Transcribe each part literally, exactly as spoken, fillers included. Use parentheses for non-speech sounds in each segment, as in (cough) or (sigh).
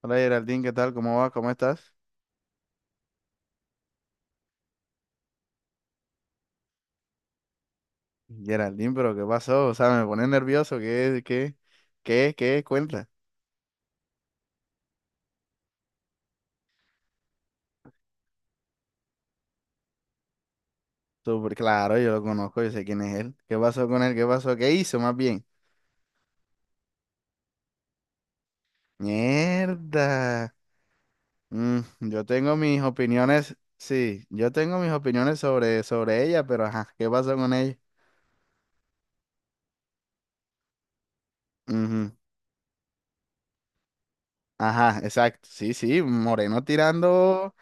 Hola, Geraldine, ¿qué tal? ¿Cómo vas? ¿Cómo estás? Geraldine, pero ¿qué pasó? O sea, me pone nervioso. ¿Qué, qué, qué, qué cuenta? Súper claro, yo lo conozco, yo sé quién es él. ¿Qué pasó con él? ¿Qué pasó? ¿Qué hizo más bien? Mierda. Mm, yo tengo mis opiniones, sí, yo tengo mis opiniones sobre, sobre ella, pero ajá, ¿qué pasó con ella? Ujú. Ajá, exacto. Sí, sí, moreno tirando,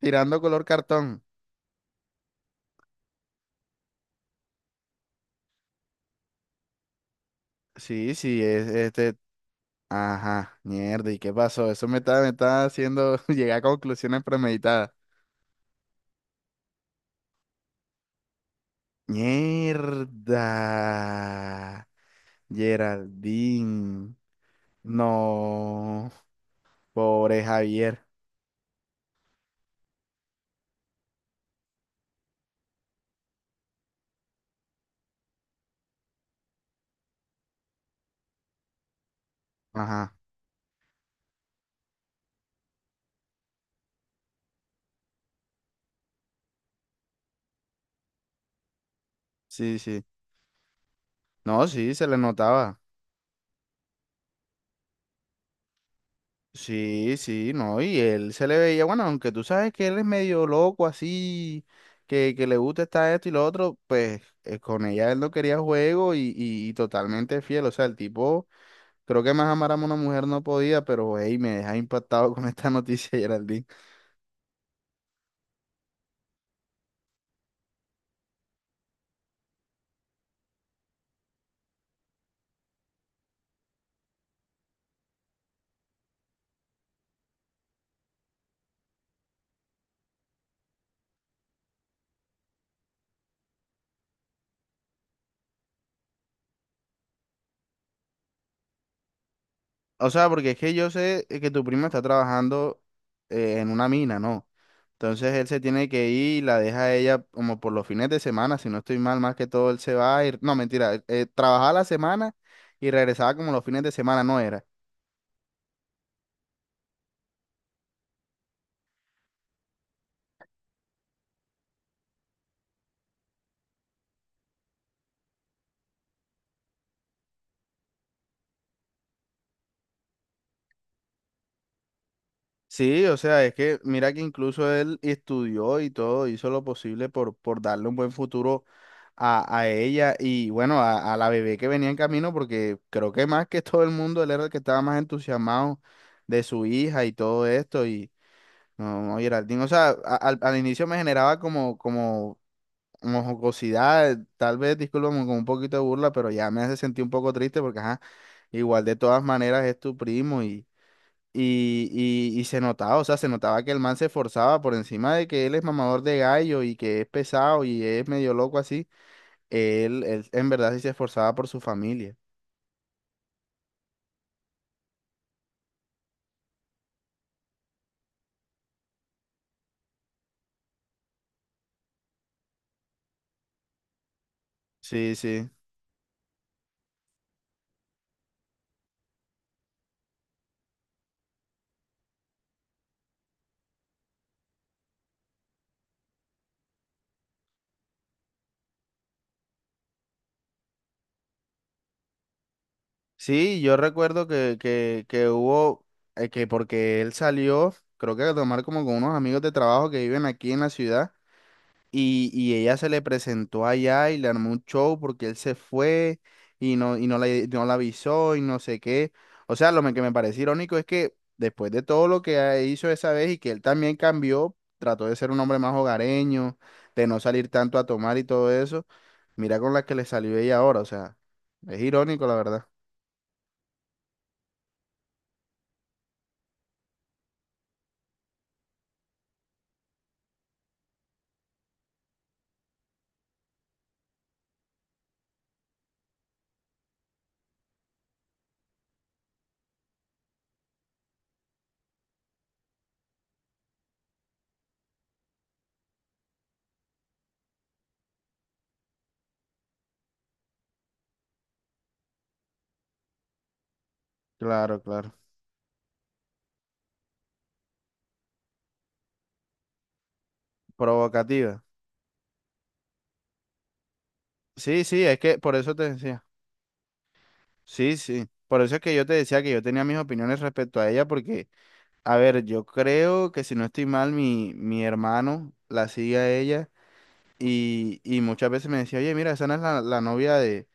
tirando color cartón. Sí, sí, es, este, ajá, mierda, ¿y qué pasó? Eso me está, me está haciendo (laughs) llegar a conclusiones premeditadas. Mierda, Geraldine. No, pobre Javier. Ajá, sí, sí. No, sí, se le notaba. Sí, sí, no, y él se le veía, bueno, aunque tú sabes que él es medio loco así, que, que le gusta esta, esto y lo otro, pues eh, con ella él no quería juego y, y y totalmente fiel, o sea, el tipo... Creo que más amar a una mujer no podía, pero hey, me deja impactado con esta noticia, (laughs) Geraldine. O sea, porque es que yo sé eh, que tu primo está trabajando eh, en una mina, ¿no? Entonces él se tiene que ir y la deja a ella como por los fines de semana, si no estoy mal, más que todo él se va a ir. No, mentira, él, eh, trabajaba la semana y regresaba como los fines de semana, no era. Sí, o sea, es que mira que incluso él estudió y todo, hizo lo posible por, por darle un buen futuro a, a ella y bueno, a, a la bebé que venía en camino, porque creo que más que todo el mundo, él era el que estaba más entusiasmado de su hija y todo esto. Y no, no, Geraldine, o sea, a- al, al inicio me generaba como, como, como jocosidad, tal vez, discúlpame, con un poquito de burla, pero ya me hace sentir un poco triste porque, ajá, igual de todas maneras es tu primo y. Y, y, y se notaba, o sea, se notaba que el man se esforzaba por encima de que él es mamador de gallo y que es pesado y es medio loco así él, él en verdad sí se esforzaba por su familia. Sí, sí. Sí, yo recuerdo que, que, que hubo, eh, que porque él salió, creo que a tomar como con unos amigos de trabajo que viven aquí en la ciudad. Y, y ella se le presentó allá y le armó un show porque él se fue y no, y no la, no la avisó y no sé qué. O sea, lo me- que me parece irónico es que después de todo lo que a- hizo esa vez y que él también cambió, trató de ser un hombre más hogareño, de no salir tanto a tomar y todo eso, mira con la que le salió ella ahora. O sea, es irónico, la verdad. Claro, claro. Provocativa. Sí, sí, es que por eso te decía. Sí, sí. Por eso es que yo te decía que yo tenía mis opiniones respecto a ella porque... A ver, yo creo que si no estoy mal, mi, mi hermano la sigue a ella y, y muchas veces me decía, oye, mira, esa no es la, la novia de,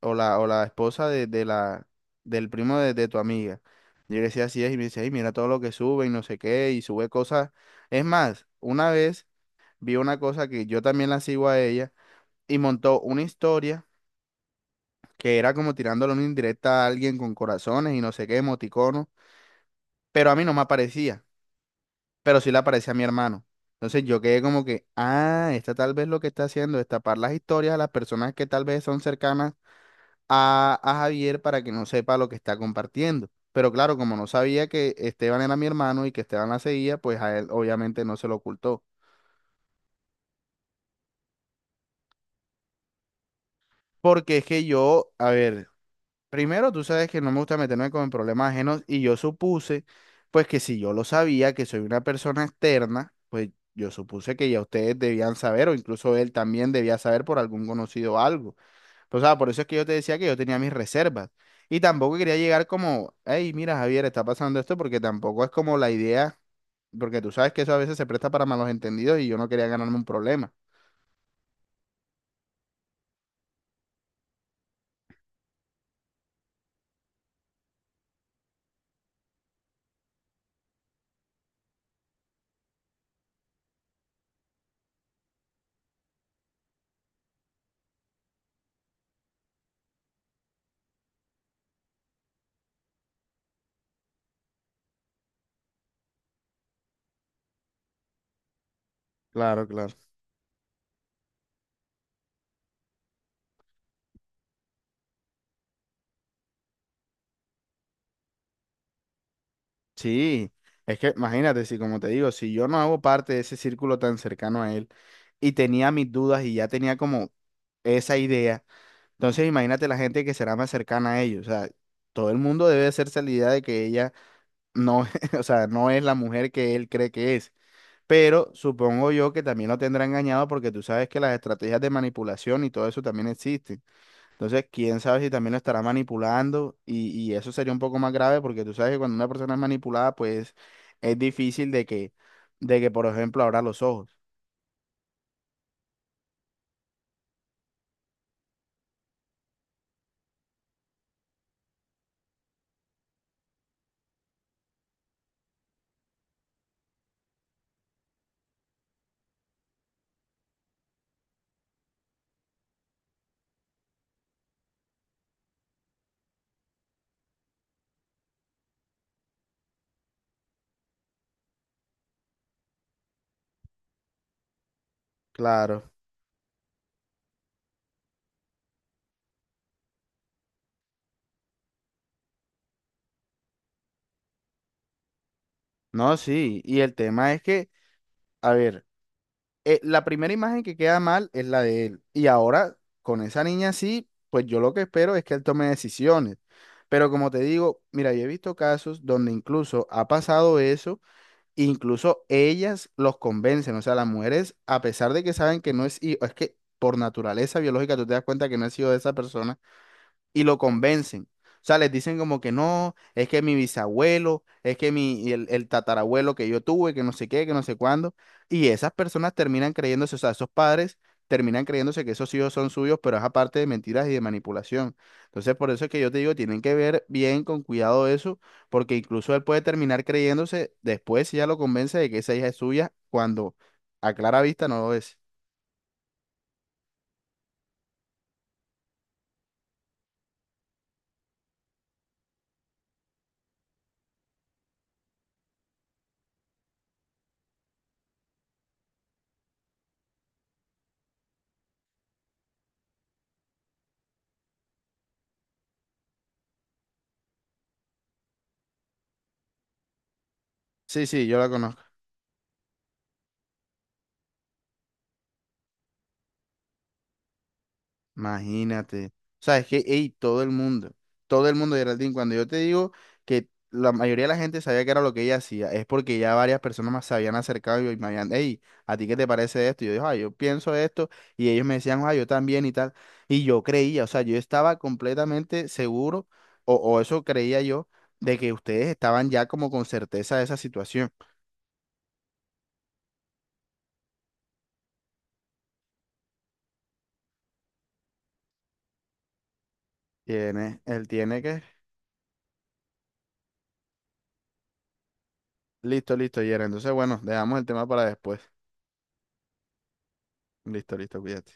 o la, o la esposa de, de la, del primo de, de tu amiga. Y yo le decía así es y me decía, ay, mira todo lo que sube y no sé qué, y sube cosas. Es más, una vez vi una cosa que yo también la sigo a ella y montó una historia que era como tirándole una indirecta a alguien con corazones y no sé qué, emoticono, pero a mí no me aparecía, pero sí le aparecía a mi hermano. Entonces yo quedé como que, ah, esta tal vez lo que está haciendo es tapar las historias a las personas que tal vez son cercanas a, a Javier para que no sepa lo que está compartiendo. Pero claro, como no sabía que Esteban era mi hermano y que Esteban la seguía, pues a él obviamente no se lo ocultó. Porque es que yo, a ver. Primero, tú sabes que no me gusta meterme con problemas ajenos y yo supuse, pues que si yo lo sabía, que soy una persona externa, pues yo supuse que ya ustedes debían saber o incluso él también debía saber por algún conocido algo. Pues, o sea, por eso es que yo te decía que yo tenía mis reservas y tampoco quería llegar como, hey, mira, Javier, está pasando esto porque tampoco es como la idea, porque tú sabes que eso a veces se presta para malos entendidos y yo no quería ganarme un problema. Claro, claro. Sí, es que imagínate, si como te digo, si yo no hago parte de ese círculo tan cercano a él y tenía mis dudas y ya tenía como esa idea, entonces imagínate la gente que será más cercana a ellos, o sea, todo el mundo debe hacerse la idea de que ella no, (laughs) o sea, no es la mujer que él cree que es, pero supongo yo que también lo tendrá engañado porque tú sabes que las estrategias de manipulación y todo eso también existen. Entonces, quién sabe si también lo estará manipulando y, y eso sería un poco más grave porque tú sabes que cuando una persona es manipulada, pues es difícil de que, de que, por ejemplo, abra los ojos. Claro. No, sí. Y el tema es que, a ver, eh, la primera imagen que queda mal es la de él. Y ahora, con esa niña sí, pues yo lo que espero es que él tome decisiones. Pero como te digo, mira, yo he visto casos donde incluso ha pasado eso. Incluso ellas los convencen, o sea, las mujeres, a pesar de que saben que no es hijo, es que por naturaleza biológica tú te das cuenta que no es hijo de esa persona y lo convencen. O sea, les dicen como que no, es que mi bisabuelo, es que mi, el, el tatarabuelo que yo tuve, que no sé qué, que no sé cuándo. Y esas personas terminan creyéndose, o sea, esos padres terminan creyéndose que esos hijos son suyos, pero es aparte de mentiras y de manipulación. Entonces, por eso es que yo te digo, tienen que ver bien con cuidado eso, porque incluso él puede terminar creyéndose después si ya lo convence de que esa hija es suya, cuando a clara vista no lo es. Sí, sí, yo la conozco. Imagínate. O sea, es que, ey, todo el mundo, todo el mundo, Geraldine, cuando yo te digo que la mayoría de la gente sabía que era lo que ella hacía, es porque ya varias personas más se habían acercado y me habían, hey, ¿a ti qué te parece esto? Y yo digo, ah, yo pienso esto, y ellos me decían, ah, yo también y tal. Y yo creía, o sea, yo estaba completamente seguro, o, o eso creía yo, de que ustedes estaban ya como con certeza de esa situación. Tiene, él tiene que. Listo, listo, Yera. Entonces, bueno, dejamos el tema para después. Listo, listo, cuídate.